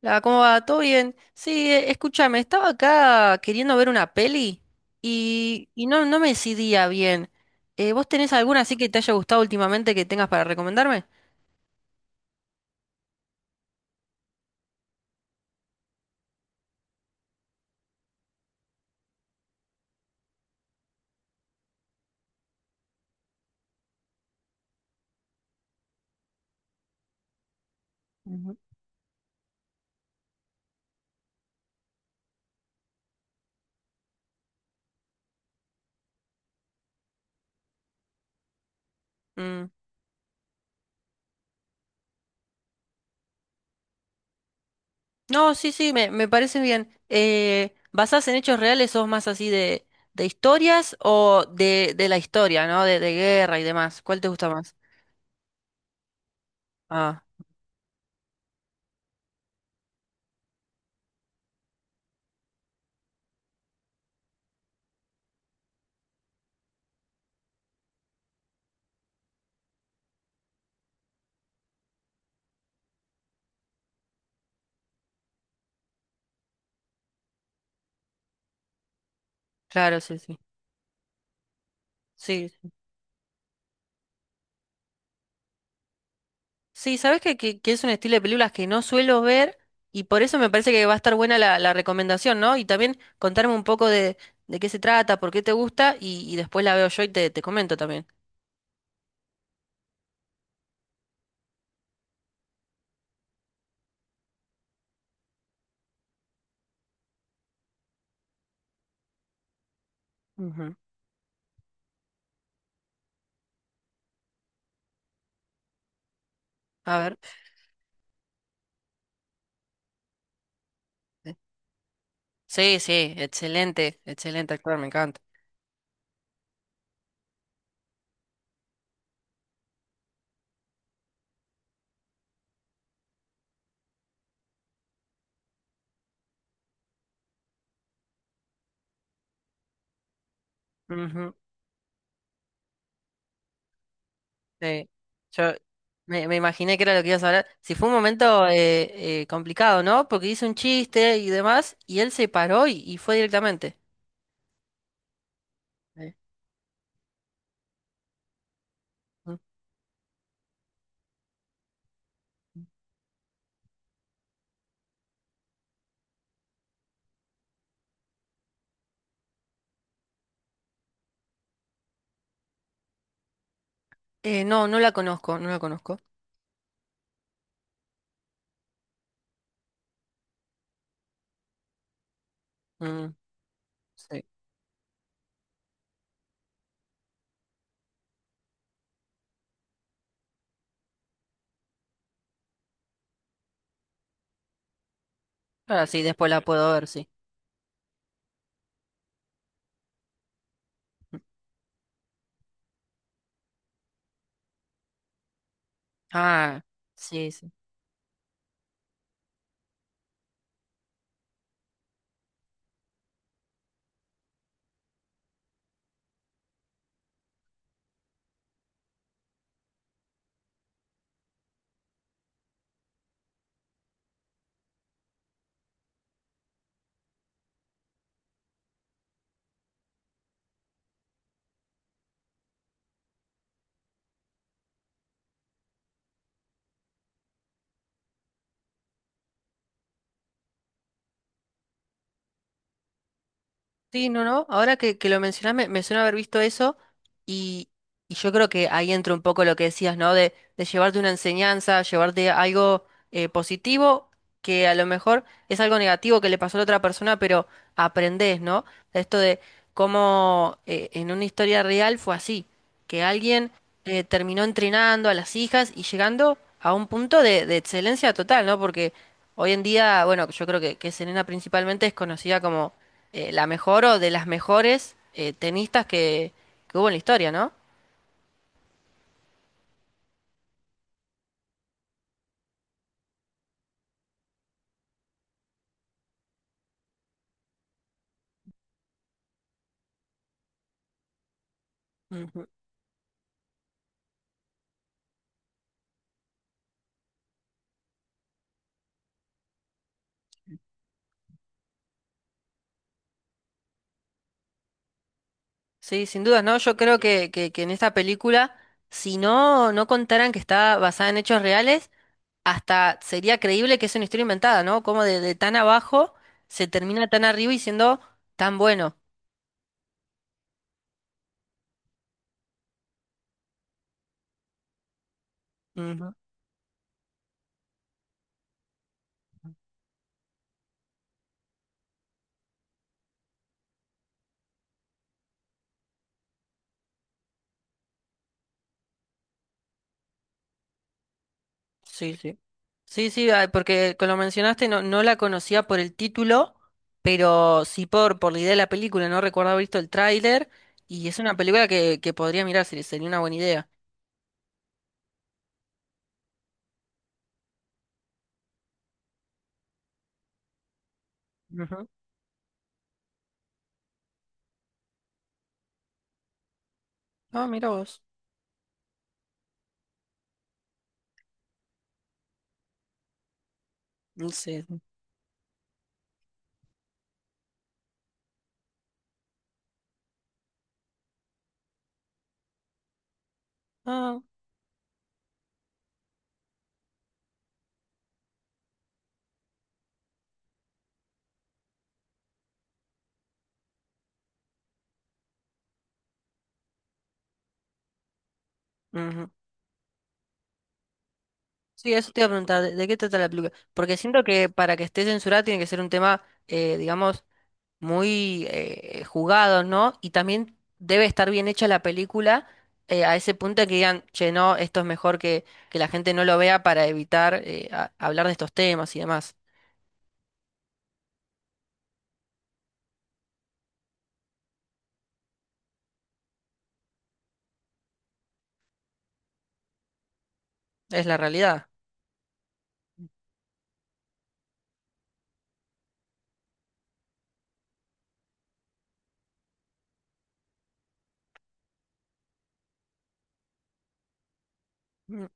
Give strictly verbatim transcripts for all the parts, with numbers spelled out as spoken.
La, ¿cómo va? ¿Todo bien? Sí, eh, escúchame, estaba acá queriendo ver una peli y, y no, no me decidía bien. Eh, ¿vos tenés alguna así que te haya gustado últimamente que tengas para recomendarme? Ujú. Mm, No, sí, sí, me, me parece bien. Eh, ¿basás en hechos reales sos más así de, de historias o de, de la historia, ¿no? De, de guerra y demás. ¿Cuál te gusta más? Ah, claro, sí, sí. Sí. Sí. Sí, sabes que, que, que es un estilo de películas que no suelo ver y por eso me parece que va a estar buena la, la recomendación, ¿no? Y también contarme un poco de, de qué se trata, por qué te gusta y, y después la veo yo y te, te comento también. Ujú. A ver. Sí, sí, sí, excelente, excelente actor, me encanta. Ujú. Sí. Yo me, me imaginé que era lo que ibas a hablar. Si fue un momento eh, eh, complicado, ¿no? Porque hizo un chiste y demás y él se paró y, y fue directamente. Sí. Mm. Eh, no, no la conozco, no la conozco. Mm, sí. ah sí, después la puedo ver, sí. Ah, sí, sí. Sí, no, no. Ahora que, que lo mencionás, me, me suena haber visto eso y, y yo creo que ahí entra un poco lo que decías, ¿no? De, de llevarte una enseñanza, llevarte algo eh, positivo, que a lo mejor es algo negativo que le pasó a la otra persona, pero aprendés, ¿no? Esto de cómo eh, en una historia real fue así, que alguien eh, terminó entrenando a las hijas y llegando a un punto de, de excelencia total, ¿no? Porque hoy en día, bueno, yo creo que, que Serena principalmente es conocida como eh, la mejor o de las mejores eh, tenistas que, que hubo en la historia, ¿no? Ujú. Sí, sin dudas, ¿no? Yo creo que, que, que en esta película, si no, no contaran que está basada en hechos reales, hasta sería creíble que es una historia inventada, ¿no? Como de, de tan abajo se termina tan arriba y siendo tan bueno. Ujú. Sí, sí. Sí, sí, ah, porque como lo mencionaste, no, no la conocía por el título, pero sí por, por la idea de la película. No recuerdo haber visto el tráiler y es una película que, que podría mirar, sería sería una buena idea. Ujú. Ah, mira vos. Mm, Sí. Sí. Ah, ujú. Sí, eso te iba a preguntar, ¿de, de qué trata la película? Porque siento que para que esté censurada tiene que ser un tema, eh, digamos, muy eh, jugados, ¿no? Y también debe estar bien hecha la película eh, a ese punto de que digan, che, no, esto es mejor que, que la gente no lo vea para evitar eh, a- hablar de estos temas y demás. Es la realidad. Mm,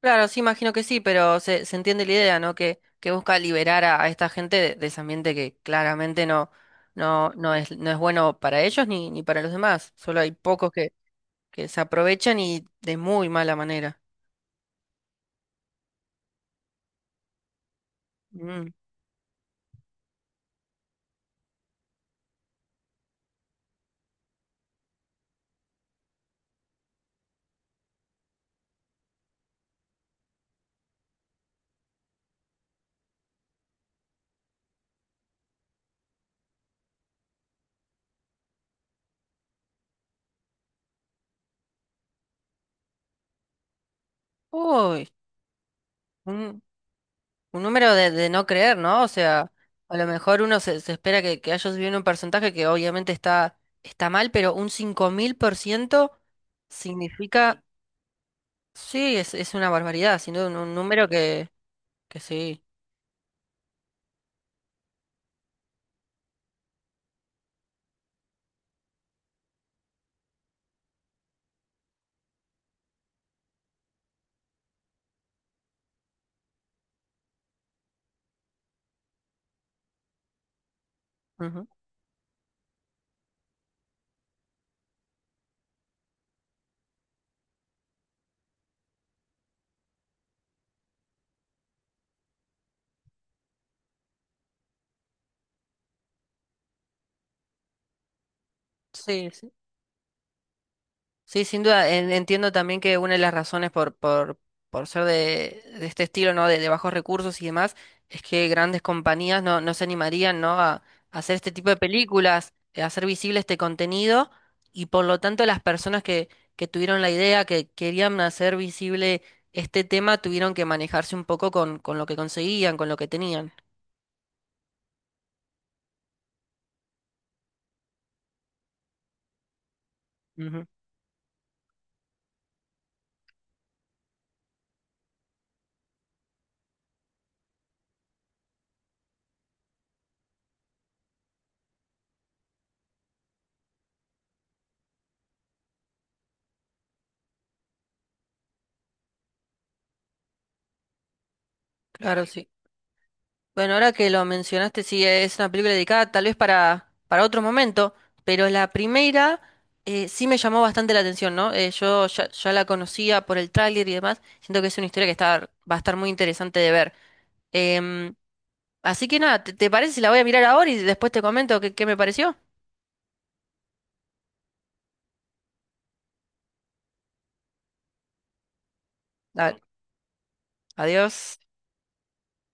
claro, sí, imagino que sí, pero se, se entiende la idea, ¿no? Que, que busca liberar a, a esta gente de, de ese ambiente que claramente no, no, no es, no es bueno para ellos ni, ni para los demás. Solo hay pocos que, que se aprovechan y de muy mala manera. Mm. Uy, un número de, de no creer, ¿no? O sea, a lo mejor uno se, se espera que, que haya subido en un porcentaje que obviamente está, está mal, pero un cinco mil por ciento significa, sí, es, es una barbaridad, sino un, un número que, que sí. Ujú. Sí, sí. Sí, sin duda, en- entiendo también que una de las razones por, por, por ser de, de este estilo, ¿no? De, de bajos recursos y demás, es que grandes compañías no, no se animarían, ¿no? A, a hacer este tipo de películas, eh, a hacer visible este contenido, y por lo tanto las personas que, que tuvieron la idea, que querían hacer visible este tema, tuvieron que manejarse un poco con, con lo que conseguían, con lo que tenían. Ujú, claro, sí. Bueno, ahora que lo mencionaste, sí, es una película dedicada tal vez para, para otro momento, pero la primera eh, sí me llamó bastante la atención, ¿no? Eh, yo ya, ya la conocía por el tráiler y demás, siento que es una historia que está, va a estar muy interesante de ver. Em, así que nada, ¿te, te parece si la voy a mirar ahora y después te comento qué, qué, me pareció? Dale, adiós.